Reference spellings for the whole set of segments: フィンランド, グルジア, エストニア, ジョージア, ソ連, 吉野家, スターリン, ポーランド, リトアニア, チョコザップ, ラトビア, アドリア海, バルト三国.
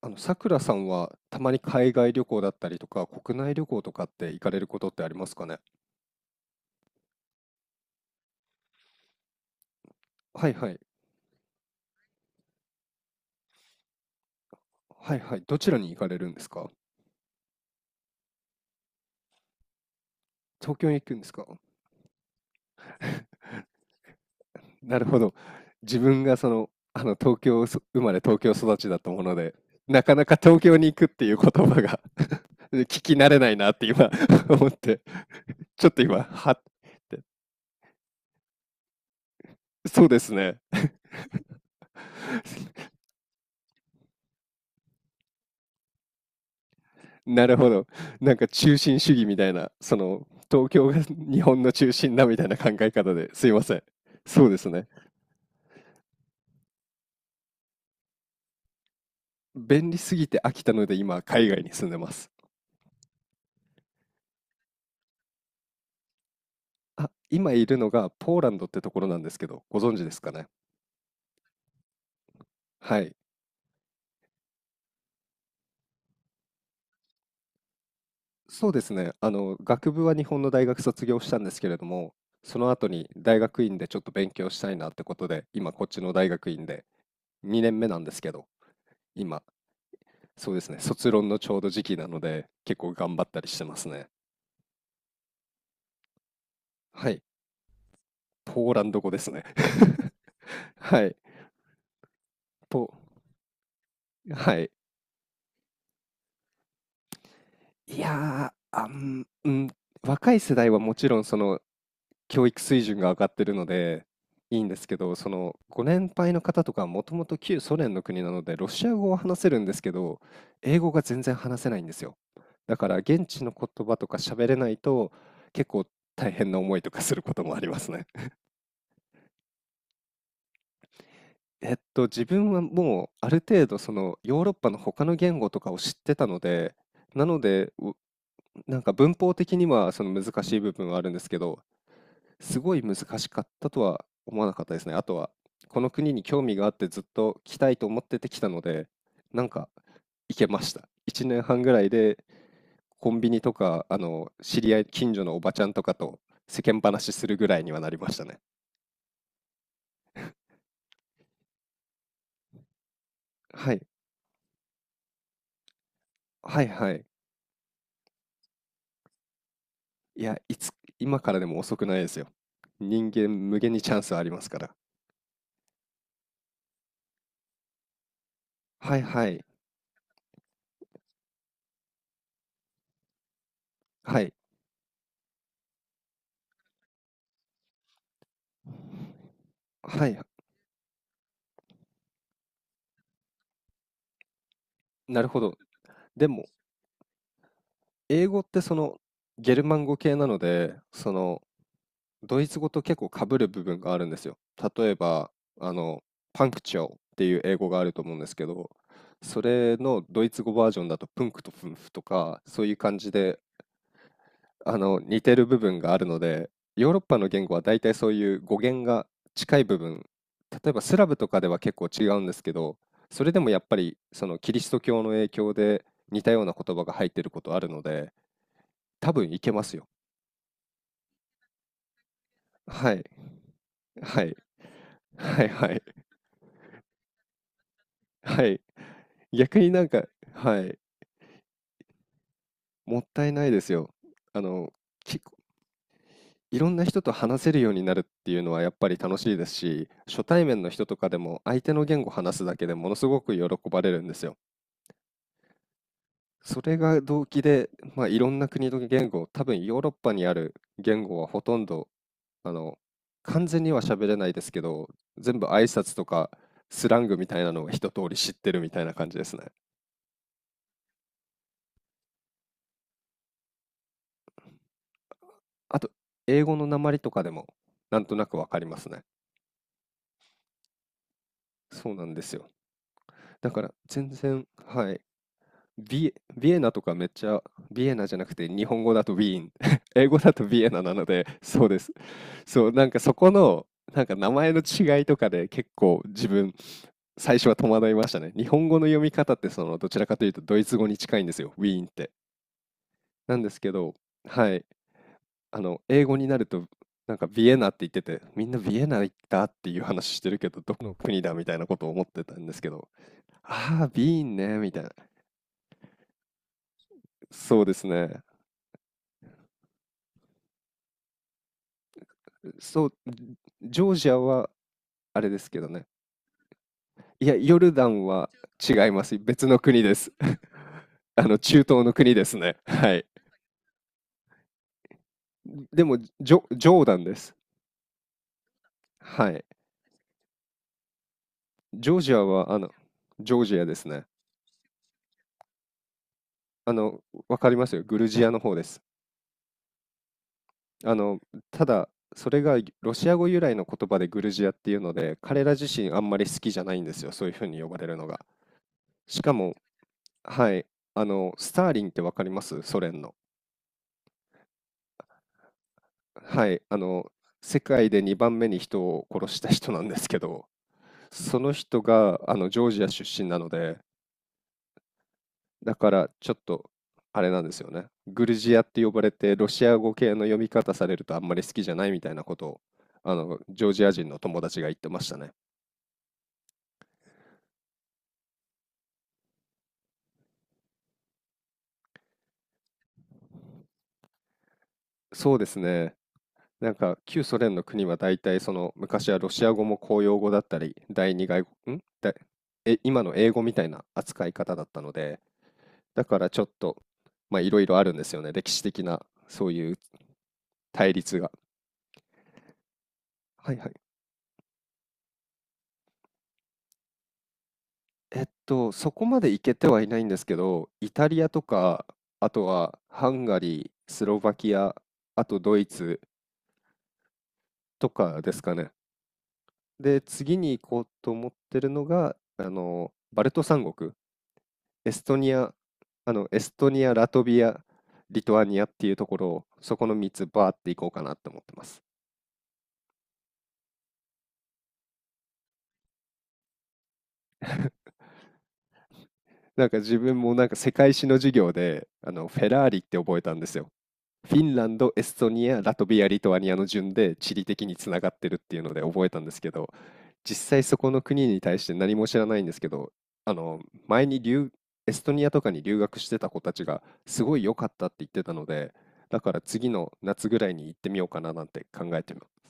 さくらさんはたまに海外旅行だったりとか、国内旅行とかって行かれることってありますかね？はいはい。はいはい。どちらに行かれるんですか？東京に行くんですか？なるほど。自分が東京生まれ東京育ちだったもので、なかなか東京に行くっていう言葉が 聞き慣れないなって今 思って、ちょっと今、はって。そうですね。なるほど。なんか中心主義みたいな、その東京が 日本の中心だみたいな考え方ですいません。そうですね。便利すぎて飽きたので今海外に住んでます。あ、今いるのがポーランドってところなんですけど、ご存知ですかね？はい。そうですね。学部は日本の大学卒業したんですけれども、その後に大学院でちょっと勉強したいなってことで、今こっちの大学院で2年目なんですけど、今、そうですね、卒論のちょうど時期なので、結構頑張ったりしてますね。はい、ポーランド語ですね。はい、ポ、はい。いやー、うん、若い世代はもちろんその教育水準が上がってるので、いいんですけど、そのご年配の方とかはもともと旧ソ連の国なので、ロシア語は話せるんですけど、英語が全然話せないんですよ。だから現地の言葉とか喋れないと、結構大変な思いとかすることもありますね。自分はもうある程度そのヨーロッパの他の言語とかを知ってたので、なので、なんか文法的にはその難しい部分はあるんですけど、すごい難しかったとは思わなかったですね。あとは、この国に興味があってずっと来たいと思ってて来たので、なんか行けました。1年半ぐらいでコンビニとか、知り合い、近所のおばちゃんとかと世間話するぐらいにはなりましたね。はい。はいはい。いや、今からでも遅くないですよ。人間無限にチャンスありますから。はいはい。はい。はい。なるほど。でも、英語ってゲルマン語系なので、ドイツ語と結構被る部分があるんですよ。例えば、あの、パンクチョーっていう英語があると思うんですけど、それのドイツ語バージョンだとプンクとフンフとか、そういう感じで似てる部分があるので、ヨーロッパの言語は大体そういう語源が近い部分、例えばスラブとかでは結構違うんですけど、それでもやっぱりそのキリスト教の影響で似たような言葉が入ってることあるので、多分いけますよ。はい、はい、はいはい、はい。逆になんか、はい、もったいないですよ。あの、きいろんな人と話せるようになるっていうのはやっぱり楽しいですし、初対面の人とかでも相手の言語を話すだけでものすごく喜ばれるんですよ。それが動機で、まあ、いろんな国の言語、多分ヨーロッパにある言語はほとんど、あの、完全には喋れないですけど、全部挨拶とかスラングみたいなのが一通り知ってるみたいな感じですね。あと、英語の訛りとかでもなんとなくわかりますね。そうなんですよ。だから全然、はい、ビエナとかめっちゃ、ビエナじゃなくて日本語だとウィーン、英語だとビエナなので、そうです。そう、なんかそこの、なんか名前の違いとかで結構自分、最初は戸惑いましたね。日本語の読み方ってどちらかというとドイツ語に近いんですよ、ウィーンって。なんですけど、はい、英語になると、なんかビエナって言ってて、みんなビエナ行ったっていう話してるけど、どこの国だみたいなことを思ってたんですけど、ああ、ビーンね、みたいな。そうですね。そう、ジョージアはあれですけどね。いや、ヨルダンは違います。別の国です。中東の国ですね。はい。でも、ジョーダンです。はい。ジョージアは、ジョージアですね。あの、わかりますよ。グルジアの方です。あの、ただ、それがロシア語由来の言葉でグルジアっていうので、彼ら自身あんまり好きじゃないんですよ。そういうふうに呼ばれるのが。しかも、はい。スターリンってわかります？ソ連の。はい、世界で2番目に人を殺した人なんですけど、その人があのジョージア出身なので、だからちょっとあれなんですよね。グルジアって呼ばれて、ロシア語系の読み方されるとあんまり好きじゃないみたいなことを、ジョージア人の友達が言ってましたね。そうですね。なんか旧ソ連の国は大体その昔はロシア語も公用語だったり第二外国、んだえ、今の英語みたいな扱い方だったので、だからちょっと、まあ、いろいろあるんですよね。歴史的な、そういう対立が。はいはい。そこまで行けてはいないんですけど、イタリアとか、あとはハンガリー、スロバキア、あとドイツとかですかね。で、次に行こうと思ってるのが、バルト三国、エストニア、エストニア、ラトビア、リトアニアっていうところを、そこの3つバーって行こうかなって思ってます。なんか自分もなんか世界史の授業であのフェラーリって覚えたんですよ。フィンランド、エストニア、ラトビア、リトアニアの順で地理的につながってるっていうので覚えたんですけど、実際そこの国に対して何も知らないんですけど、あの前にエストニアとかに留学してた子たちがすごい良かったって言ってたので、だから次の夏ぐらいに行ってみようかななんて考えてます。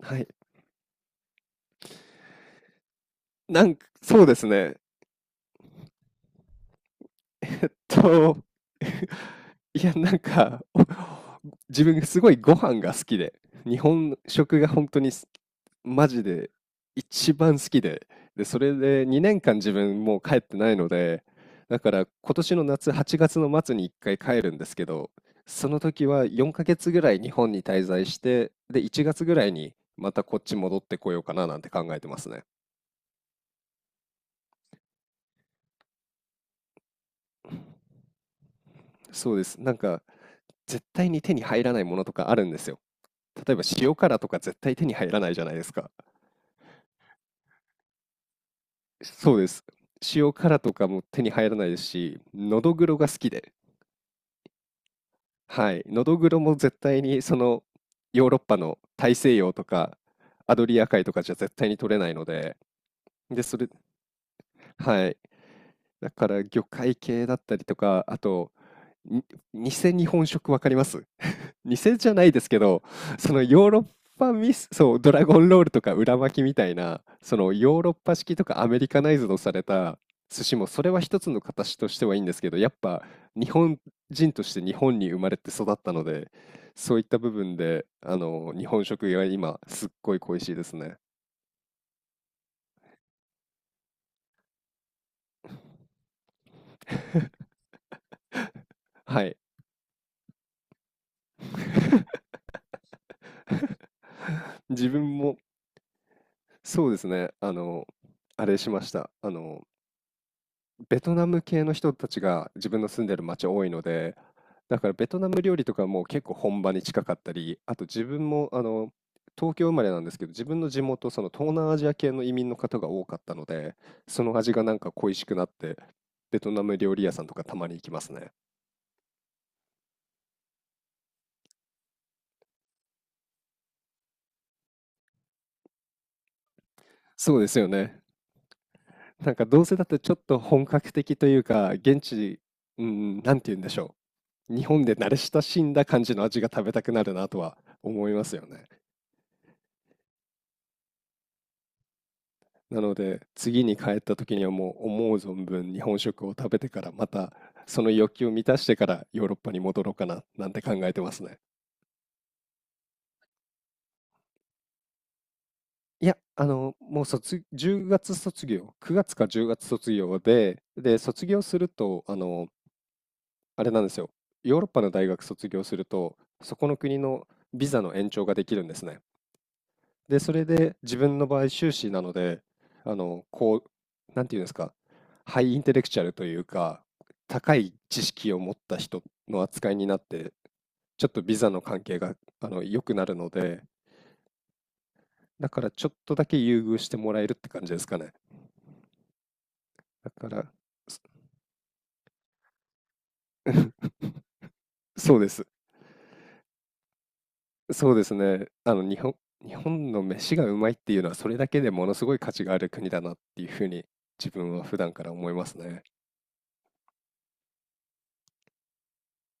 はい。なんかそうですね。と、いや、なんか、自分すごいご飯が好きで、日本食が本当にマジで一番好きで、で、それで2年間自分もう帰ってないので、だから今年の夏8月の末に1回帰るんですけど、その時は4ヶ月ぐらい日本に滞在して、で、1月ぐらいにまたこっち戻ってこようかななんて考えてますね。そうです。なんか、絶対に手に入らないものとかあるんですよ。例えば塩辛とか絶対手に入らないじゃないですか。そうです。塩辛とかも手に入らないですし、のどぐろが好きで、はい、のどぐろも絶対にそのヨーロッパの大西洋とかアドリア海とかじゃ絶対に取れないので、で、それ、はい、だから魚介系だったりとか、あと、偽日本食わかります？偽じゃないですけど、そのヨーロッパミス、そう、ドラゴンロールとか裏巻きみたいな、そのヨーロッパ式とかアメリカナイズドされた寿司も、それは一つの形としてはいいんですけど、やっぱ日本人として日本に生まれて育ったので、そういった部分で、日本食が今、すっごい恋しいですね。はい。自分も、そうですね、あれしました。ベトナム系の人たちが自分の住んでる町多いので、だからベトナム料理とかも結構本場に近かったり、あと自分も東京生まれなんですけど、自分の地元、その東南アジア系の移民の方が多かったので、その味がなんか恋しくなって、ベトナム料理屋さんとかたまに行きますね。そうですよね。なんかどうせだってちょっと本格的というか、現地、うん、なんて言うんでしょう。日本で慣れ親しんだ感じの味が食べたくなるなとは思いますよね。なので、次に帰った時にはもう思う存分日本食を食べてから、またその欲求を満たしてからヨーロッパに戻ろうかな、なんて考えてますね。いや、もう10月卒業、9月か10月卒業で、で、卒業すると、あれなんですよ。ヨーロッパの大学卒業すると、そこの国のビザの延長ができるんですね。で、それで自分の場合修士なので、こう、なんていうんですか、ハイインテレクチャルというか、高い知識を持った人の扱いになって、ちょっとビザの関係が、良くなるので、だからちょっとだけ優遇してもらえるって感じですかね。だから、そ そうです。そうですね。日本の飯がうまいっていうのは、それだけでものすごい価値がある国だなっていうふうに、自分は普段から思いますね。